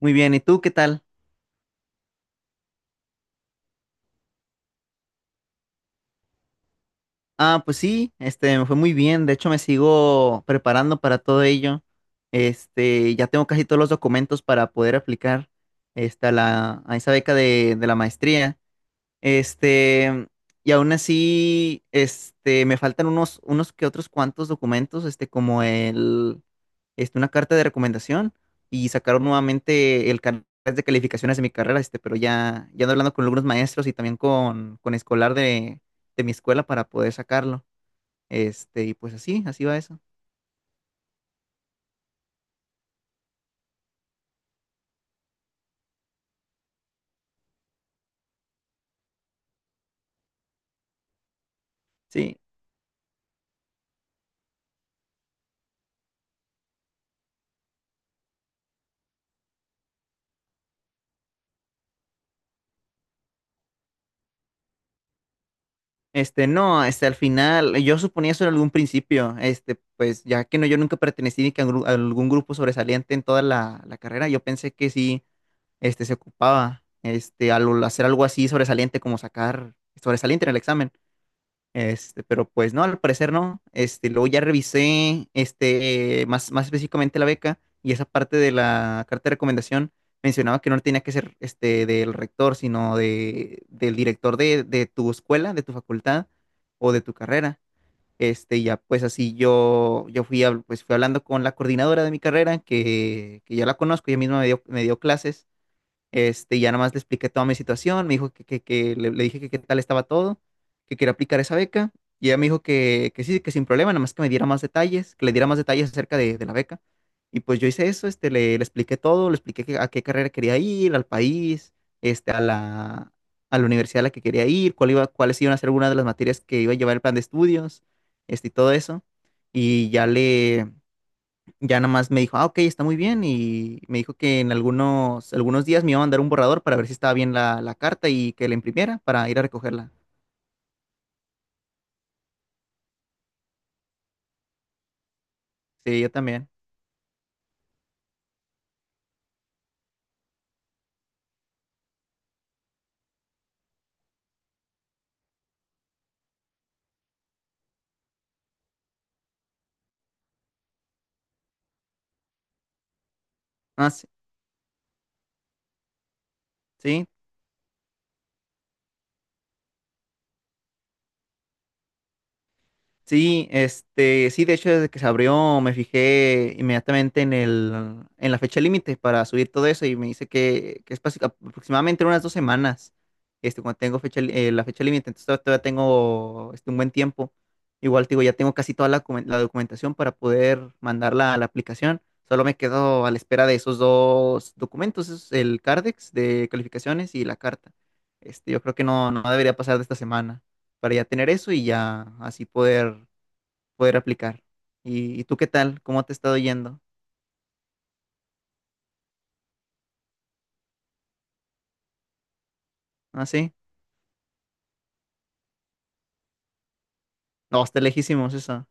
Muy bien, ¿y tú qué tal? Ah, pues sí, me fue muy bien. De hecho, me sigo preparando para todo ello. Ya tengo casi todos los documentos para poder aplicar a esa beca de la maestría. Este, y aún así, me faltan unos que otros cuantos documentos, como una carta de recomendación, y sacaron nuevamente el canal de calificaciones de mi carrera. Pero ya ando hablando con algunos maestros y también con escolar de mi escuela para poder sacarlo. Y pues así, así va eso. Sí. No, al final, yo suponía eso en algún principio. Pues ya que no, yo nunca pertenecí ni que a, a algún grupo sobresaliente en toda la carrera, yo pensé que sí, se ocupaba, al hacer algo así sobresaliente como sacar sobresaliente en el examen. Pero pues no, al parecer no. Luego ya revisé más, más específicamente la beca, y esa parte de la carta de recomendación mencionaba que no tenía que ser del rector, sino del director de tu escuela, de tu facultad o de tu carrera. Y ya pues así yo fui, pues, fui hablando con la coordinadora de mi carrera, que ya la conozco, ella misma me dio clases. Ya nada más le expliqué toda mi situación. Me dijo le dije que qué tal estaba todo, que quería aplicar esa beca, y ella me dijo que sí, que sin problema, nada más que me diera más detalles, que le diera más detalles acerca de la beca. Y pues yo hice eso. Le expliqué todo, le expliqué a qué carrera quería ir, al país, este, a la, a la universidad a la que quería ir, cuáles iban a ser algunas de las materias que iba a llevar el plan de estudios, y todo eso. Y ya le, ya nada más me dijo, "Ah, ok, está muy bien". Y me dijo que en algunos días me iba a mandar un borrador para ver si estaba bien la carta y que la imprimiera para ir a recogerla. Sí, yo también. Ah, sí, sí, sí. Sí, de hecho, desde que se abrió me fijé inmediatamente en en la fecha límite para subir todo eso, y me dice que es aproximadamente en unas 2 semanas, cuando tengo la fecha límite. Entonces todavía tengo un buen tiempo. Igual, te digo, ya tengo casi toda la documentación para poder mandarla a la aplicación. Solo me quedo a la espera de esos 2 documentos, es el CARDEX de calificaciones y la carta. Yo creo que no, no debería pasar de esta semana para ya tener eso, y ya así poder aplicar. Y tú qué tal? ¿Cómo te ha estado yendo? ¿Ah, sí? No, está lejísimos eso.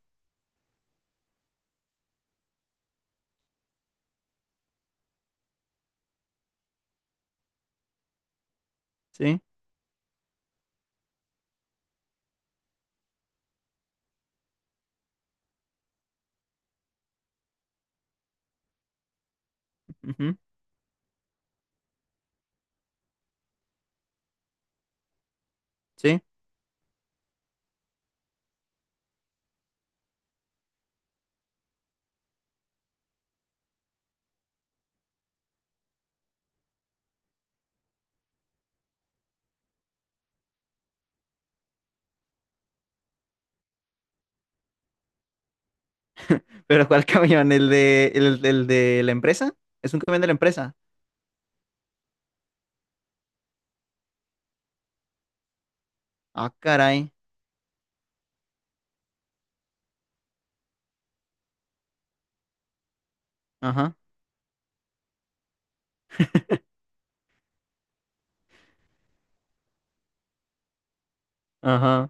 ¿Sí? Ujú. ¿Sí? ¿Pero cuál camión? ¿ el de la empresa? ¿Es un camión de la empresa? Ah, caray. Ajá, ajá.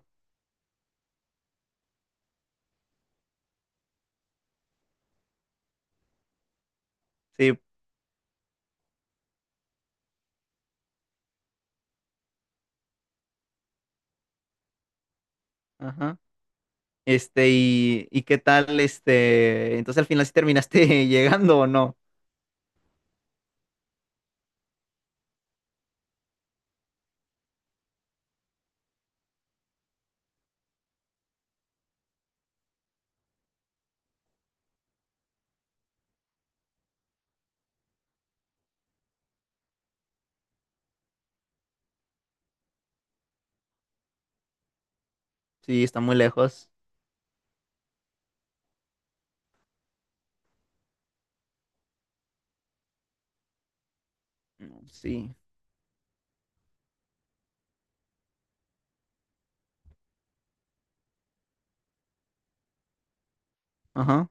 Sí, ajá. ¿Y qué tal? Entonces al final sí terminaste llegando o no. Sí, está muy lejos. No, sí. Ajá.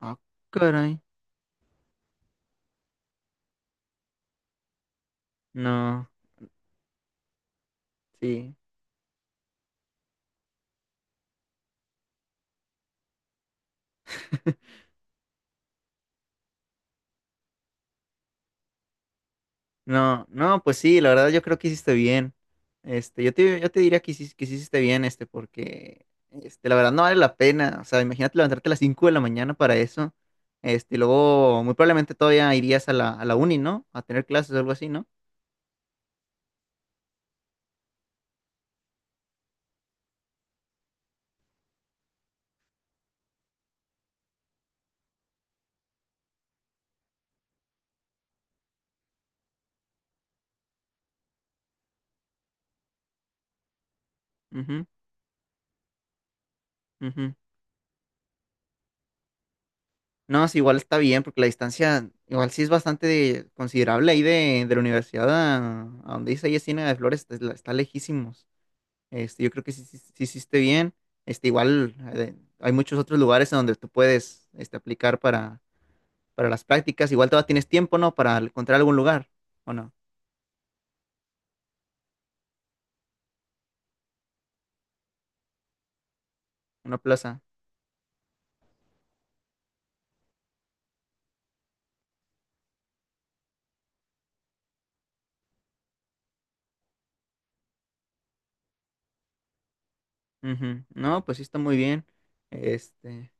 Ah, caray. No, sí. No, no, pues sí, la verdad yo creo que hiciste bien. Yo te diría que hiciste, que sí hiciste bien, la verdad no vale la pena. O sea, imagínate levantarte a las 5 de la mañana para eso. Y luego muy probablemente todavía irías a a la uni, ¿no? A tener clases o algo así, ¿no? Ujú, ujú. No, sí, igual está bien, porque la distancia, igual sí es bastante considerable ahí de la universidad a donde dice ahí Encina de Flores, está, está lejísimos. Yo creo que sí, sí hiciste bien. Este, igual Hay muchos otros lugares en donde tú puedes aplicar para las prácticas. Igual todavía tienes tiempo, ¿no? Para encontrar algún lugar, ¿o no? Una plaza. Ujú. No, pues sí está muy bien. Este.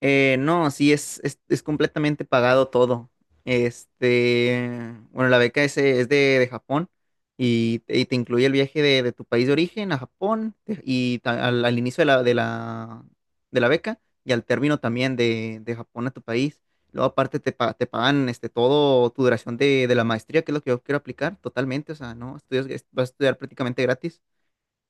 No, sí, es, es completamente pagado todo. Este, bueno, la beca es de Japón, y te incluye el viaje de tu país de origen a Japón. Al, al inicio de de la beca, y al término también de Japón a tu país. Luego aparte te pagan todo tu duración de la maestría, que es lo que yo quiero aplicar totalmente. O sea, no, estudias, vas a estudiar prácticamente gratis.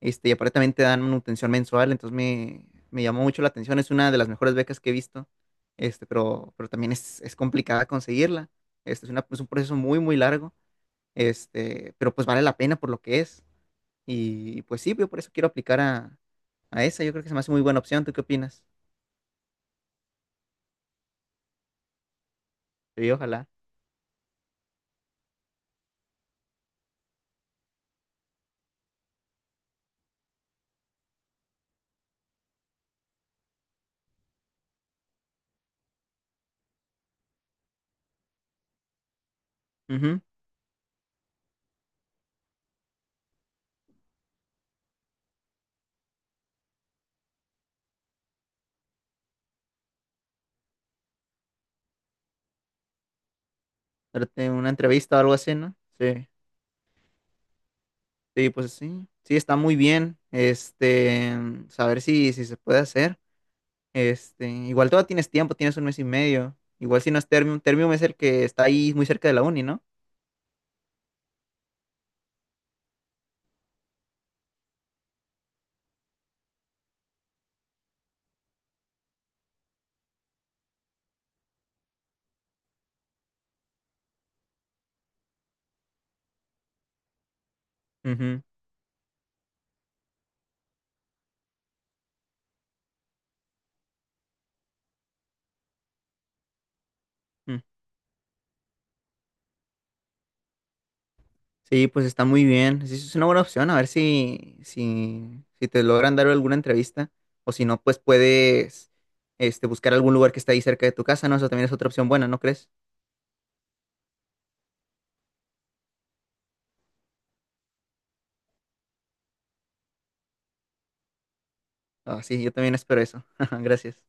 Y aparentemente también te dan manutención mensual, entonces me llamó mucho la atención. Es una de las mejores becas que he visto. Pero también es complicada conseguirla. Es un proceso muy, muy largo. Pero pues vale la pena por lo que es. Y pues sí, yo por eso quiero aplicar a esa. Yo creo que se me hace muy buena opción. ¿Tú qué opinas? Sí, ojalá. Ujú. Darte una entrevista o algo así, ¿no? Sí. Sí, pues sí. Sí, está muy bien. Saber si, si se puede hacer. Igual todavía tienes tiempo, tienes un mes y medio. Igual si no es Termium, Termium es el que está ahí muy cerca de la uni, ¿no? Ujú, mm. Sí, pues está muy bien. Sí, es una buena opción. A ver si, si te logran dar alguna entrevista. O si no, pues puedes buscar algún lugar que está ahí cerca de tu casa, ¿no? Eso también es otra opción buena, ¿no crees? Ah, sí, yo también espero eso. Gracias.